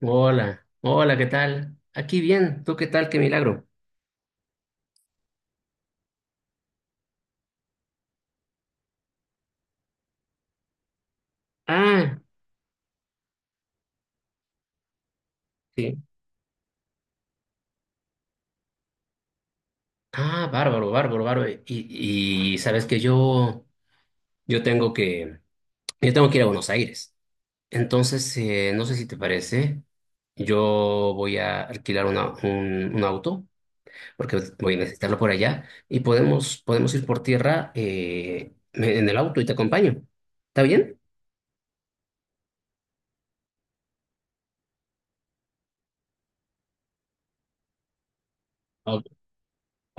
Hola, hola, ¿qué tal? Aquí bien, ¿tú qué tal? Qué milagro. Ah, sí. Ah, bárbaro, bárbaro, bárbaro. Y sabes que yo tengo que, yo tengo que ir a Buenos Aires. Entonces, no sé si te parece, yo voy a alquilar un auto, porque voy a necesitarlo por allá, y podemos ir por tierra en el auto y te acompaño. ¿Está bien?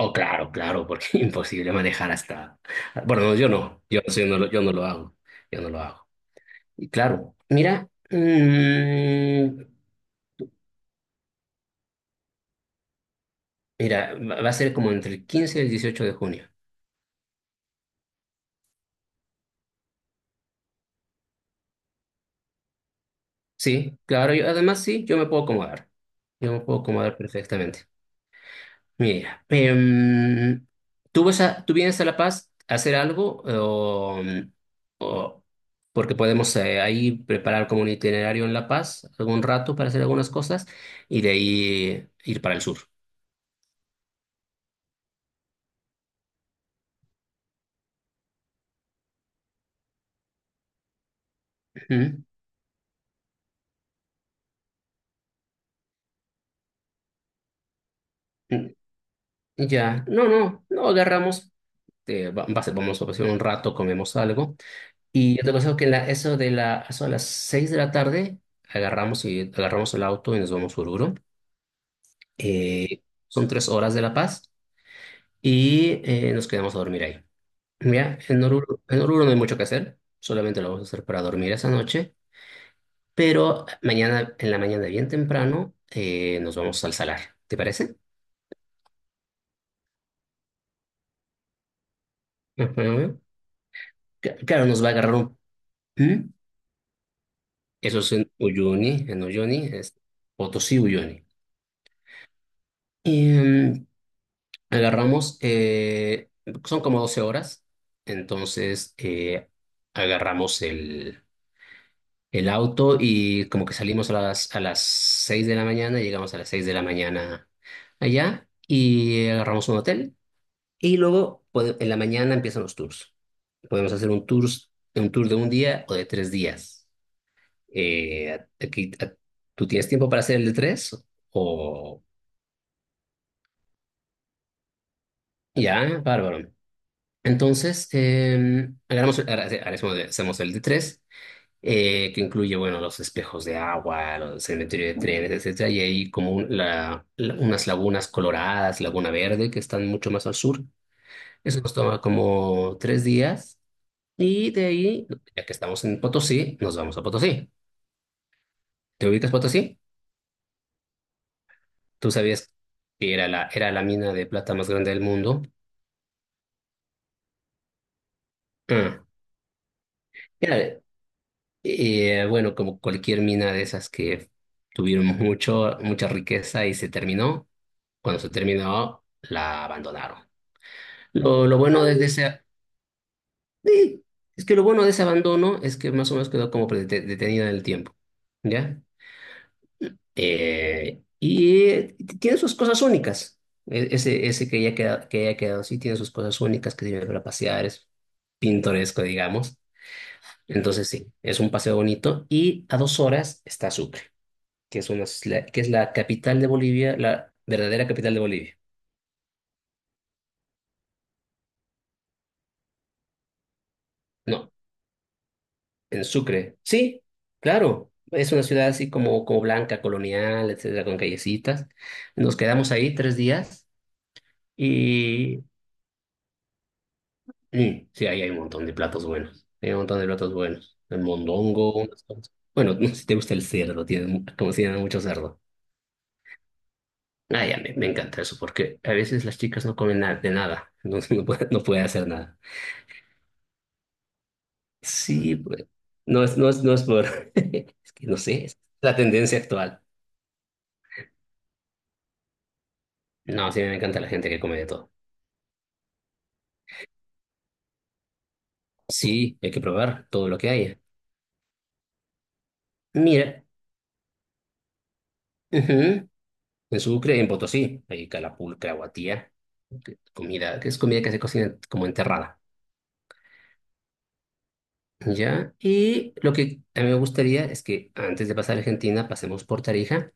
Oh, claro, claro, porque es imposible manejar hasta. Bueno, no, yo no, yo, no sé, yo no lo, yo no lo hago. Y claro, mira, mira, va a ser como entre el 15 y el 18 de junio. Sí, claro, yo, además sí, yo me puedo acomodar perfectamente. Mira, tú vienes a La Paz a hacer algo o, o- porque podemos ahí preparar como un itinerario en La Paz algún rato para hacer algunas cosas y de ahí ir para el sur? Ujú. Mm, Ya, no, no, no agarramos, vamos a pasar un rato, comemos algo y yo te aconsejo que en la- eso de la, eso a las 6 de la tarde agarramos el auto y nos vamos a Oruro. Eh, son 3 horas de La Paz. Y nos quedamos a dormir ahí. Mira, en Oruro no hay mucho que hacer, solamente lo vamos a hacer para dormir esa noche, pero mañana, en la mañana bien temprano, nos vamos al salar, ¿te parece? Ujú. Claro, nos va a agarrar un. ¿Mm? Eso es en Uyuni, es Potosí, Uyuni. Y agarramos, son como 12 horas, entonces agarramos el auto y como que salimos a las 6 de la mañana, llegamos a las 6 de la mañana allá y agarramos un hotel y luego en la mañana empiezan los tours. Podemos hacer un tour de un día o de 3 días. Aquí, ¿tú tienes tiempo para hacer el de tres? O ya, bárbaro. Entonces, ahora hacemos el de tres que incluye, bueno, los espejos de agua, los cementerios de trenes, etcétera, y hay como unas lagunas coloradas, Laguna Verde, que están mucho más al sur. Eso nos toma como 3 días, y de ahí, ya que estamos en Potosí, nos vamos a Potosí. ¿Te ubicas Potosí? ¿Tú sabías que era la mina de plata más grande del mundo? Ah, era, bueno, como cualquier mina de esas que tuvieron mucha riqueza y se terminó. Cuando se terminó, la abandonaron. Lo bueno de ese. Sí, es que lo bueno de ese abandono es que más o menos quedó como detenida en el tiempo, ¿ya? Y tiene sus cosas únicas. Ese que ya queda, que haya quedado así tiene sus cosas únicas que sirven para pasear, es pintoresco, digamos. Entonces sí, es un paseo bonito y a 2 horas está Sucre, que es que es la capital de Bolivia, la verdadera capital de Bolivia. No, en Sucre. Sí, claro. Es una ciudad así como blanca, colonial, etcétera, con callecitas. Nos quedamos ahí 3 días y sí, ahí hay un montón de platos buenos. Hay un montón de platos buenos. El mondongo, unas cosas. Bueno, no sé si te gusta el cerdo, como si tienen mucho cerdo. Ah, ya, me encanta eso, porque a veces las chicas no comen nada de nada, entonces no puede, no puede hacer nada. Sí, pues, no es por. Es que no sé, es la tendencia actual. No, sí, me encanta la gente que come de todo. Sí, hay que probar todo lo que hay. Mira, ujú, en Sucre, en Potosí, hay calapulca, guatía, comida, que es comida que se cocina como enterrada. ¿Ya? Y lo que a mí me gustaría es que antes de pasar a Argentina pasemos por Tarija.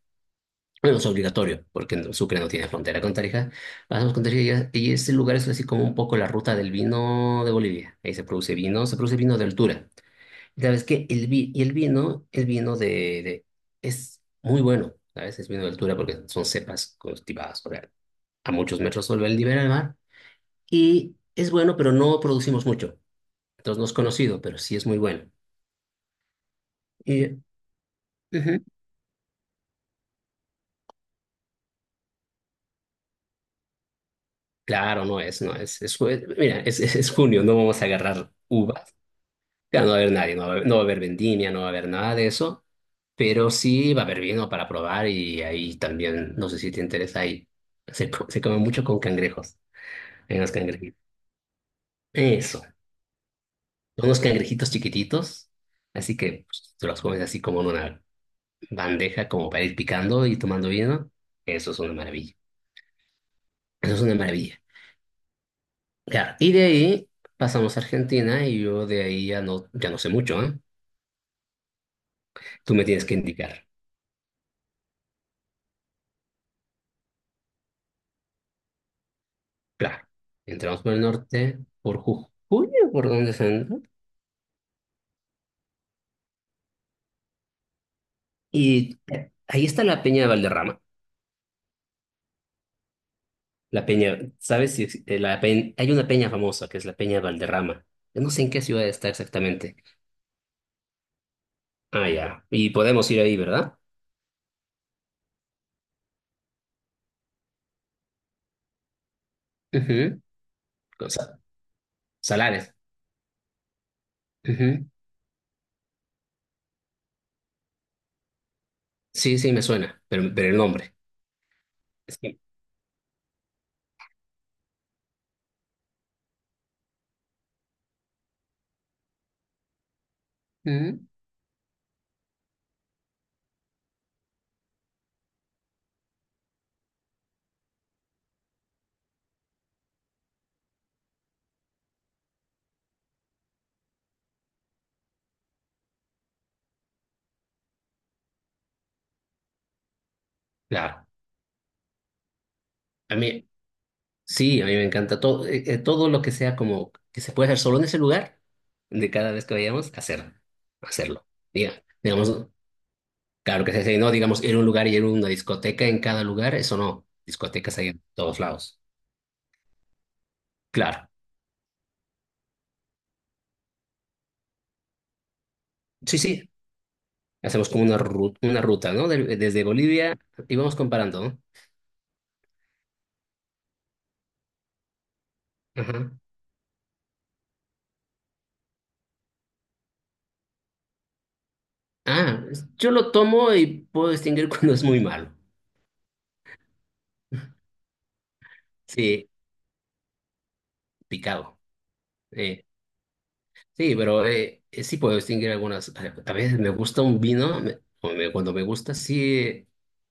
Bueno, es obligatorio, porque en Sucre no tiene frontera con Tarija. Pasamos con Tarija y ese lugar es así como un poco la ruta del vino de Bolivia. Ahí se produce vino de altura. Sabes que y el vino de- es muy bueno, ¿sabes? Es vino de altura porque son cepas cultivadas, o sea, a muchos metros sobre el nivel del mar. Y es bueno, pero no producimos mucho. Entonces no es conocido, pero sí es muy bueno. Y, ujú, claro, no es, es mira, es junio, no vamos a agarrar uvas. Claro, no va a haber nadie, no va a haber vendimia, no va a haber nada de eso. Pero sí va a haber vino para probar y ahí también, no sé si te interesa, ahí se come mucho con cangrejos. Hay unos cangrejitos. Eso. Unos cangrejitos chiquititos. Así que pues, tú los comes así como en una bandeja, como para ir picando y tomando vino. Eso es una maravilla. Eso es una maravilla. Claro, y de ahí pasamos a Argentina y yo de ahí ya no, ya no sé mucho, ¿eh? Tú me tienes que indicar. Claro. Entramos por el norte, por Jujuy, ¿por dónde se entra? Y ahí está la Peña de Valderrama. La peña, ¿sabes si la peña, hay una peña famosa que es la Peña Valderrama? Yo no sé en qué ciudad está exactamente. Ah, ya. Y podemos ir ahí, ¿verdad? Ujú, o sea, salares. Ujú, sí, sí, me suena, pero el nombre. Es que, ujú, claro. A mí, sí, a mí me encanta todo, todo lo que sea como que se puede hacer solo en ese lugar, de cada vez que vayamos, hacerlo. Digamos, claro que se dice, no, digamos, ir a un lugar y ir a una discoteca en cada lugar, eso no. Discotecas hay en todos lados. Claro. Sí, sí. Hacemos como una ruta, ¿no? Desde Bolivia y vamos comparando, ¿no? Ajá. Ah, yo lo tomo y puedo distinguir cuando es muy malo. Sí, picado. Eh, sí, pero sí puedo distinguir algunas. A veces me gusta un vino, cuando me gusta, sí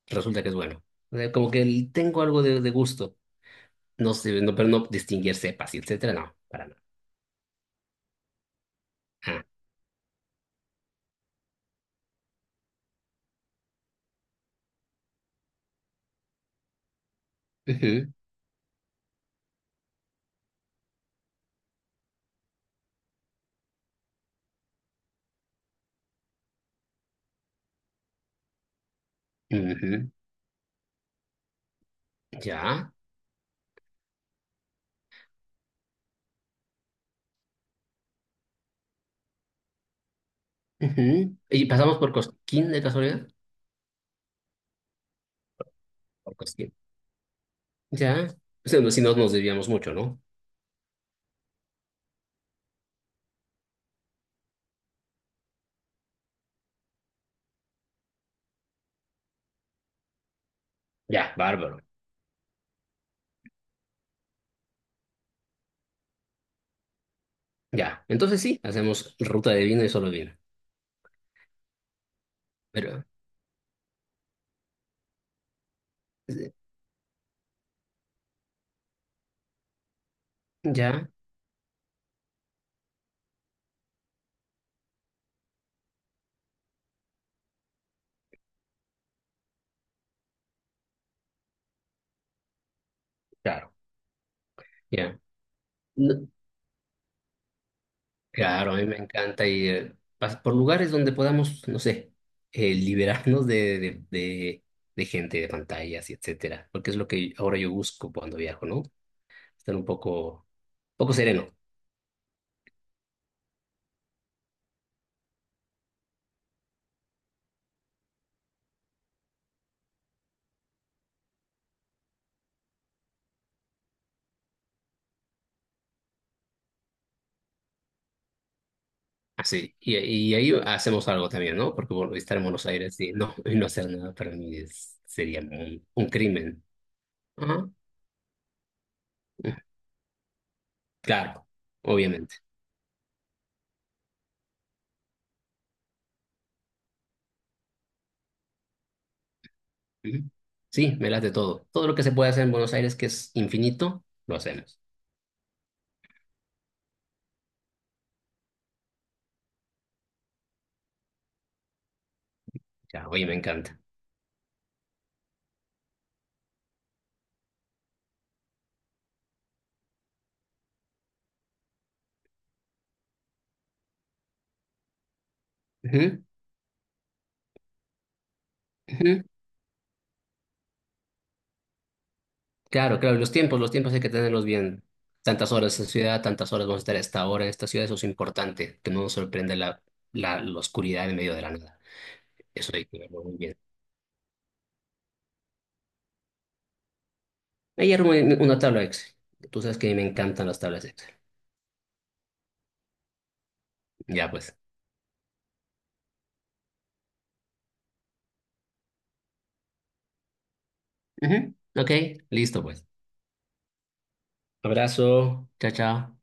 resulta que es bueno. Como que tengo algo de gusto. No sé, no, pero no distinguir cepas y etcétera, no, para nada. Ah, ujú, ujú, ya. Ujú. ¿Y pasamos por Cosquín de casualidad? Porque sí. Ya, pues si no nos desviamos mucho, ¿no? Ya, bárbaro. Ya, entonces sí, hacemos ruta de vino y solo vino. Pero, eh, ya, claro, ya. No, claro, a mí me encanta ir por lugares donde podamos, no sé, liberarnos de gente, de pantallas y etcétera. Porque es lo que ahora yo busco cuando viajo, ¿no? Estar un poco, poco sereno. Así, y ahí hacemos algo también, ¿no? Porque bueno, estar en Buenos Aires y no hacer nada para mí sería un crimen. Ajá. Claro, obviamente. Ujú. Sí, me late todo. Todo lo que se puede hacer en Buenos Aires, que es infinito, lo hacemos. Ya, oye, me encanta. Ujú, ujú. Claro, claro, y los tiempos hay que tenerlos bien. Tantas horas en esta ciudad, tantas horas vamos a estar a esta hora en esta ciudad, eso es importante, que no nos sorprenda la oscuridad en medio de la nada. Eso hay que verlo muy bien. Me dieron una tabla Excel. Tú sabes que a mí me encantan las tablas Excel. Ya pues. Ujú. Ok, listo pues. Abrazo. Chao, chao.